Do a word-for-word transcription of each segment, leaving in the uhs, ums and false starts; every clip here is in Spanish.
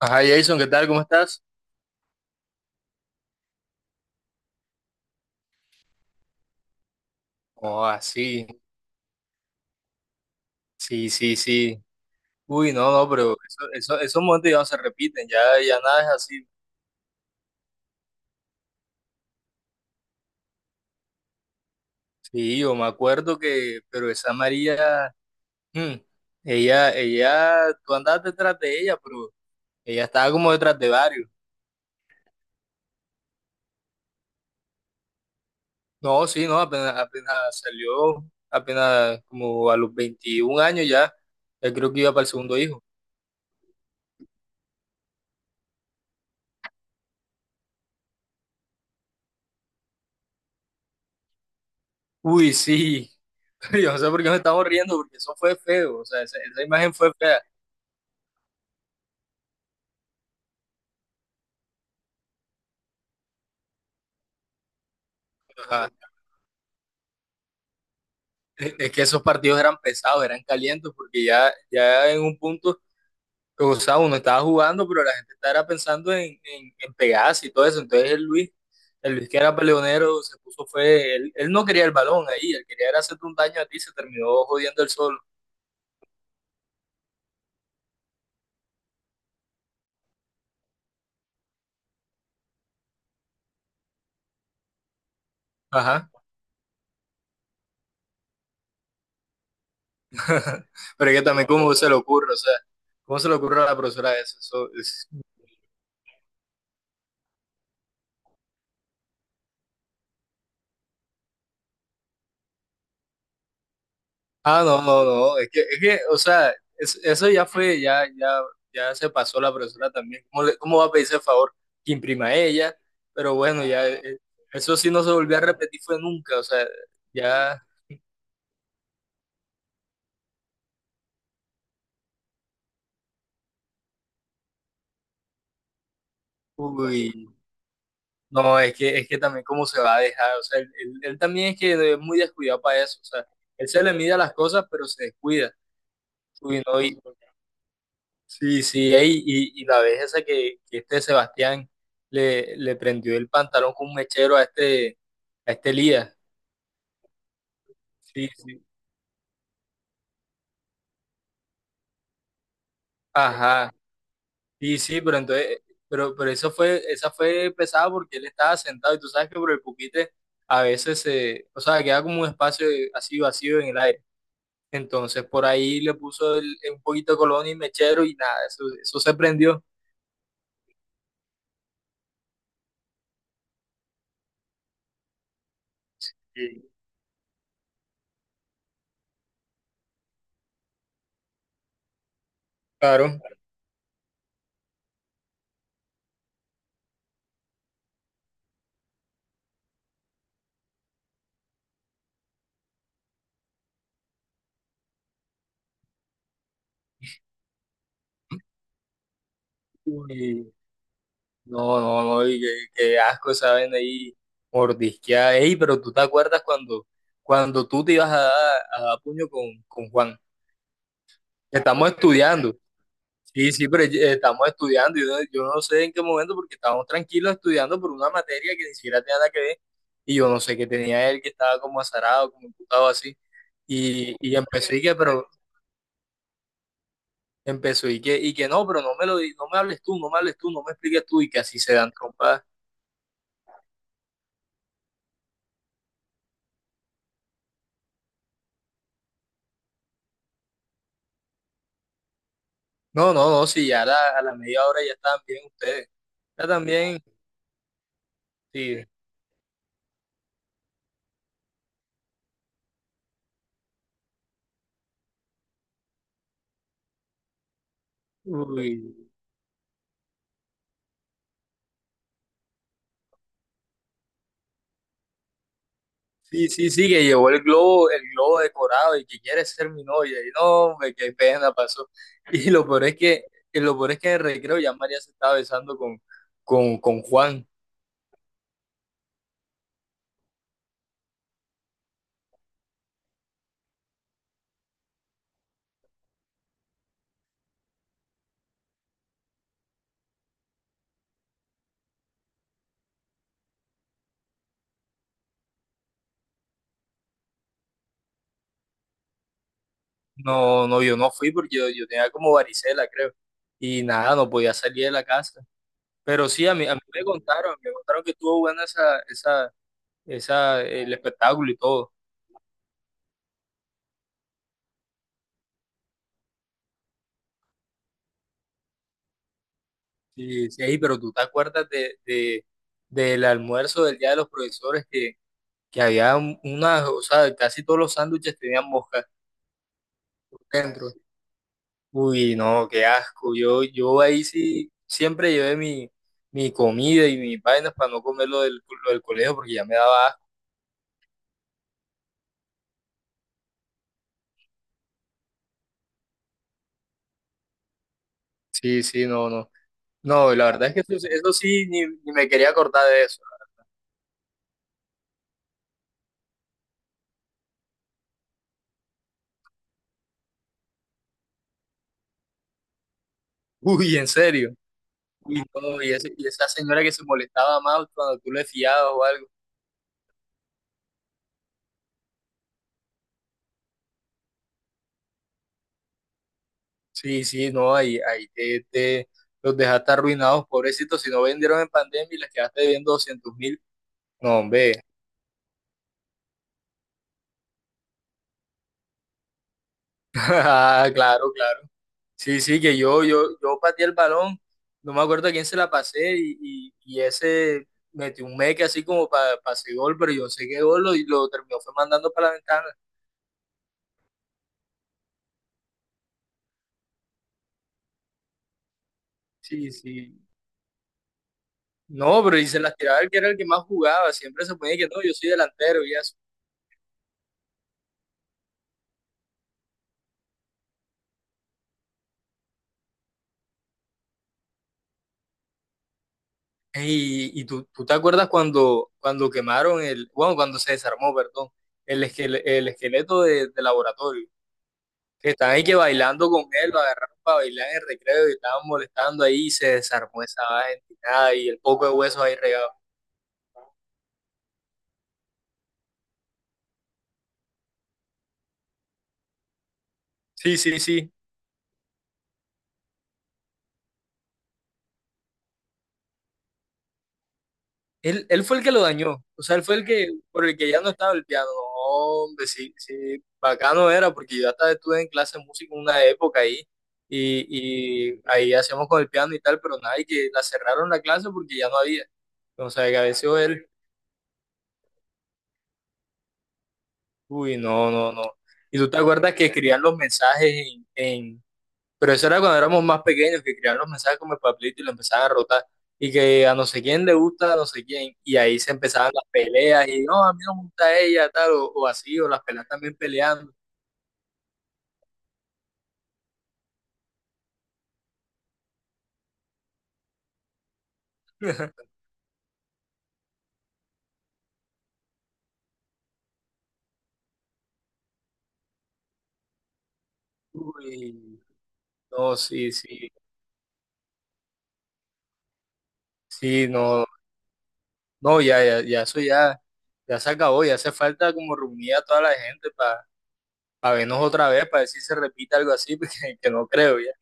Ajá, Jason, ¿qué tal? ¿Cómo estás? Oh, así, sí, sí, sí. Sí. Uy, no, no, pero eso, eso- esos momentos ya no se repiten, ya, ya nada es así. Sí, yo me acuerdo que, pero esa María, mm, ella, ella, tú andabas detrás de ella, pero ella estaba como detrás de varios. No, sí, no, apenas, apenas salió, apenas como a los veintiún años ya, ya creo que iba para el segundo hijo. Uy, sí, pero yo no sé por qué me estamos riendo, porque eso fue feo, o sea, esa, esa imagen fue fea. Es es que esos partidos eran pesados, eran calientes, porque ya, ya en un punto, pues, o sea, uno estaba jugando, pero la gente estaba pensando en, en, en pegarse y todo eso. Entonces el Luis, el Luis que era peleonero, se puso, fue, él, él no quería el balón ahí, él quería era hacerte un daño a ti, se terminó jodiendo el solo. Ajá. Pero es que también, ¿cómo se le ocurre? O sea, ¿cómo se le ocurre a la profesora eso? Eso es- Ah, no, no, no, es que, es que, o sea, es- eso ya fue, ya, ya, ya se pasó la profesora también. ¿Cómo, le- cómo va a pedirse el favor que imprima ella? Pero bueno, ya, eh, eso sí no se volvió a repetir fue nunca, o sea, ya, uy, no, es que, es que también cómo se va a dejar, o sea, él, él- él también es que es muy descuidado para eso, o sea, él se le mide a las cosas, pero se descuida. Uy, no. Sí, sí, ey, y, y la vez esa que, que este Sebastián le, le prendió el pantalón con un mechero a este, a este Elías. Sí, sí. Ajá. Sí, sí, pero entonces, pero, pero eso fue, esa fue pesada porque él estaba sentado y tú sabes que por el puquite a veces se, o sea, queda como un espacio así vacío en el aire. Entonces por ahí le puso el- un poquito de colonia y mechero y nada, eso, eso se prendió. Sí. Claro. No, no, no, y qué, qué asco saben ahí mordisquear. Ey, pero tú te acuerdas cuando, cuando tú te ibas a dar, a dar puño con, con Juan. Estamos estudiando. Sí, sí, pero eh, estamos estudiando. Yo, no- yo no sé en qué momento, porque estábamos tranquilos estudiando por una materia que ni siquiera tenía nada que ver. Y yo no sé qué tenía él, que estaba como azarado, como imputado así. Y, y empezó y que, pero empezó y que, y que no, pero no me lo, di- no me hables tú, no me hables tú, no me expliques tú, y que así se dan trompas. No, no, no, sí, ya a la, a la media hora ya estaban bien ustedes. Ya también, sí. Uy. Sí, sí, sí, que llevó el globo, el globo decorado y que quiere ser mi novia. Y no, hombre, qué pena pasó. Y lo peor es que, y lo peor es que en el recreo ya María se estaba besando con, con, con Juan. No, no, yo no fui porque yo, yo tenía como varicela, creo. Y nada, no podía salir de la casa. Pero sí, a mí, a mí me contaron, me contaron que estuvo buena esa, esa, esa, el espectáculo y todo. Sí, sí, ey, pero tú te acuerdas de, de- del almuerzo del día de los profesores que, que había un- unas, o sea, casi todos los sándwiches tenían moscas dentro. Uy, no, qué asco. Yo, yo ahí sí siempre llevé mi, mi comida y mis vainas para no comer lo del, lo del colegio porque ya me daba asco. Sí, sí, no, no. No, la verdad es que eso, eso sí, ni, ni me quería acordar de eso. Uy, en serio. Uy, no, y, ese- y esa señora que se molestaba más cuando tú le fiabas o algo. Sí, sí, no, ahí, ahí te, te- los dejaste arruinados, pobrecitos, si no vendieron en pandemia y les quedaste debiendo doscientos mil. No, hombre. Ah, claro, claro. Sí, sí, que yo, yo, yo pateé el balón, no me acuerdo a quién se la pasé y, y, y ese metió un meque así como para pase gol, pero yo no sé qué gol lo- y lo terminó fue mandando para la ventana. Sí, sí. No, pero y se las tiraba el que era el que más jugaba, siempre se ponía que no, yo soy delantero y eso. Y, y tú, tú te acuerdas cuando, cuando quemaron el, bueno, cuando se desarmó, perdón, el, esquele- el esqueleto de, de laboratorio, que estaban ahí que bailando con él, lo agarraron para bailar en el recreo y estaban molestando ahí y se desarmó esa vaina y nada, y el poco de huesos ahí regado. Sí, sí, sí. Él, él fue el que lo dañó, o sea, él fue el que, por el que ya no estaba el piano. Hombre, sí, sí, bacano era, porque yo hasta estuve en clase de música una época ahí, y, y ahí hacíamos con el piano y tal, pero nada, y que la cerraron la clase porque ya no había. Entonces, a veces él, uy, no, no, no. Y tú te acuerdas que escribían los mensajes en, en, Pero eso era cuando éramos más pequeños, que creaban los mensajes como el papelito y lo empezaban a rotar. Y que a no sé quién le gusta, a no sé quién. Y ahí se empezaban las peleas. Y no, a mí no me gusta ella, tal, o, o así, o las peleas también peleando. Uy, no, sí, sí, sí, no, no, ya, ya, ya, eso ya, ya se acabó. Ya hace falta como reunir a toda la gente para vernos otra vez, para ver si se repite algo así, porque, que no creo ya.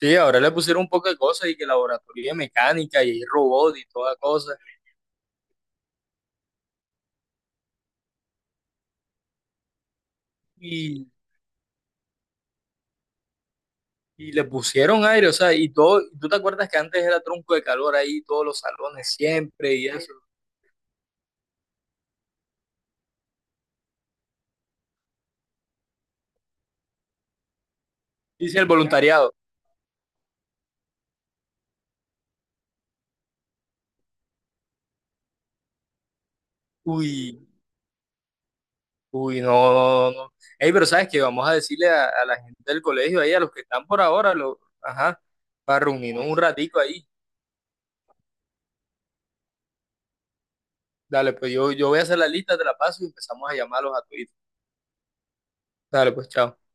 Sí, ahora le pusieron un poco de cosas y que laboratorio de mecánica y robot y toda cosa. Y Y le pusieron aire, o sea, y todo, ¿tú te acuerdas que antes era tronco de calor ahí, todos los salones siempre y eso? Dice el voluntariado. Uy, uy, no, no, no, no. Ey, pero sabes que vamos a decirle a, a la gente del colegio ahí, a los que están por ahora, lo, ajá, para reunirnos un ratico ahí. Dale, pues yo, yo voy a hacer la lista, te la paso y empezamos a llamarlos a Twitter. Dale, pues chao.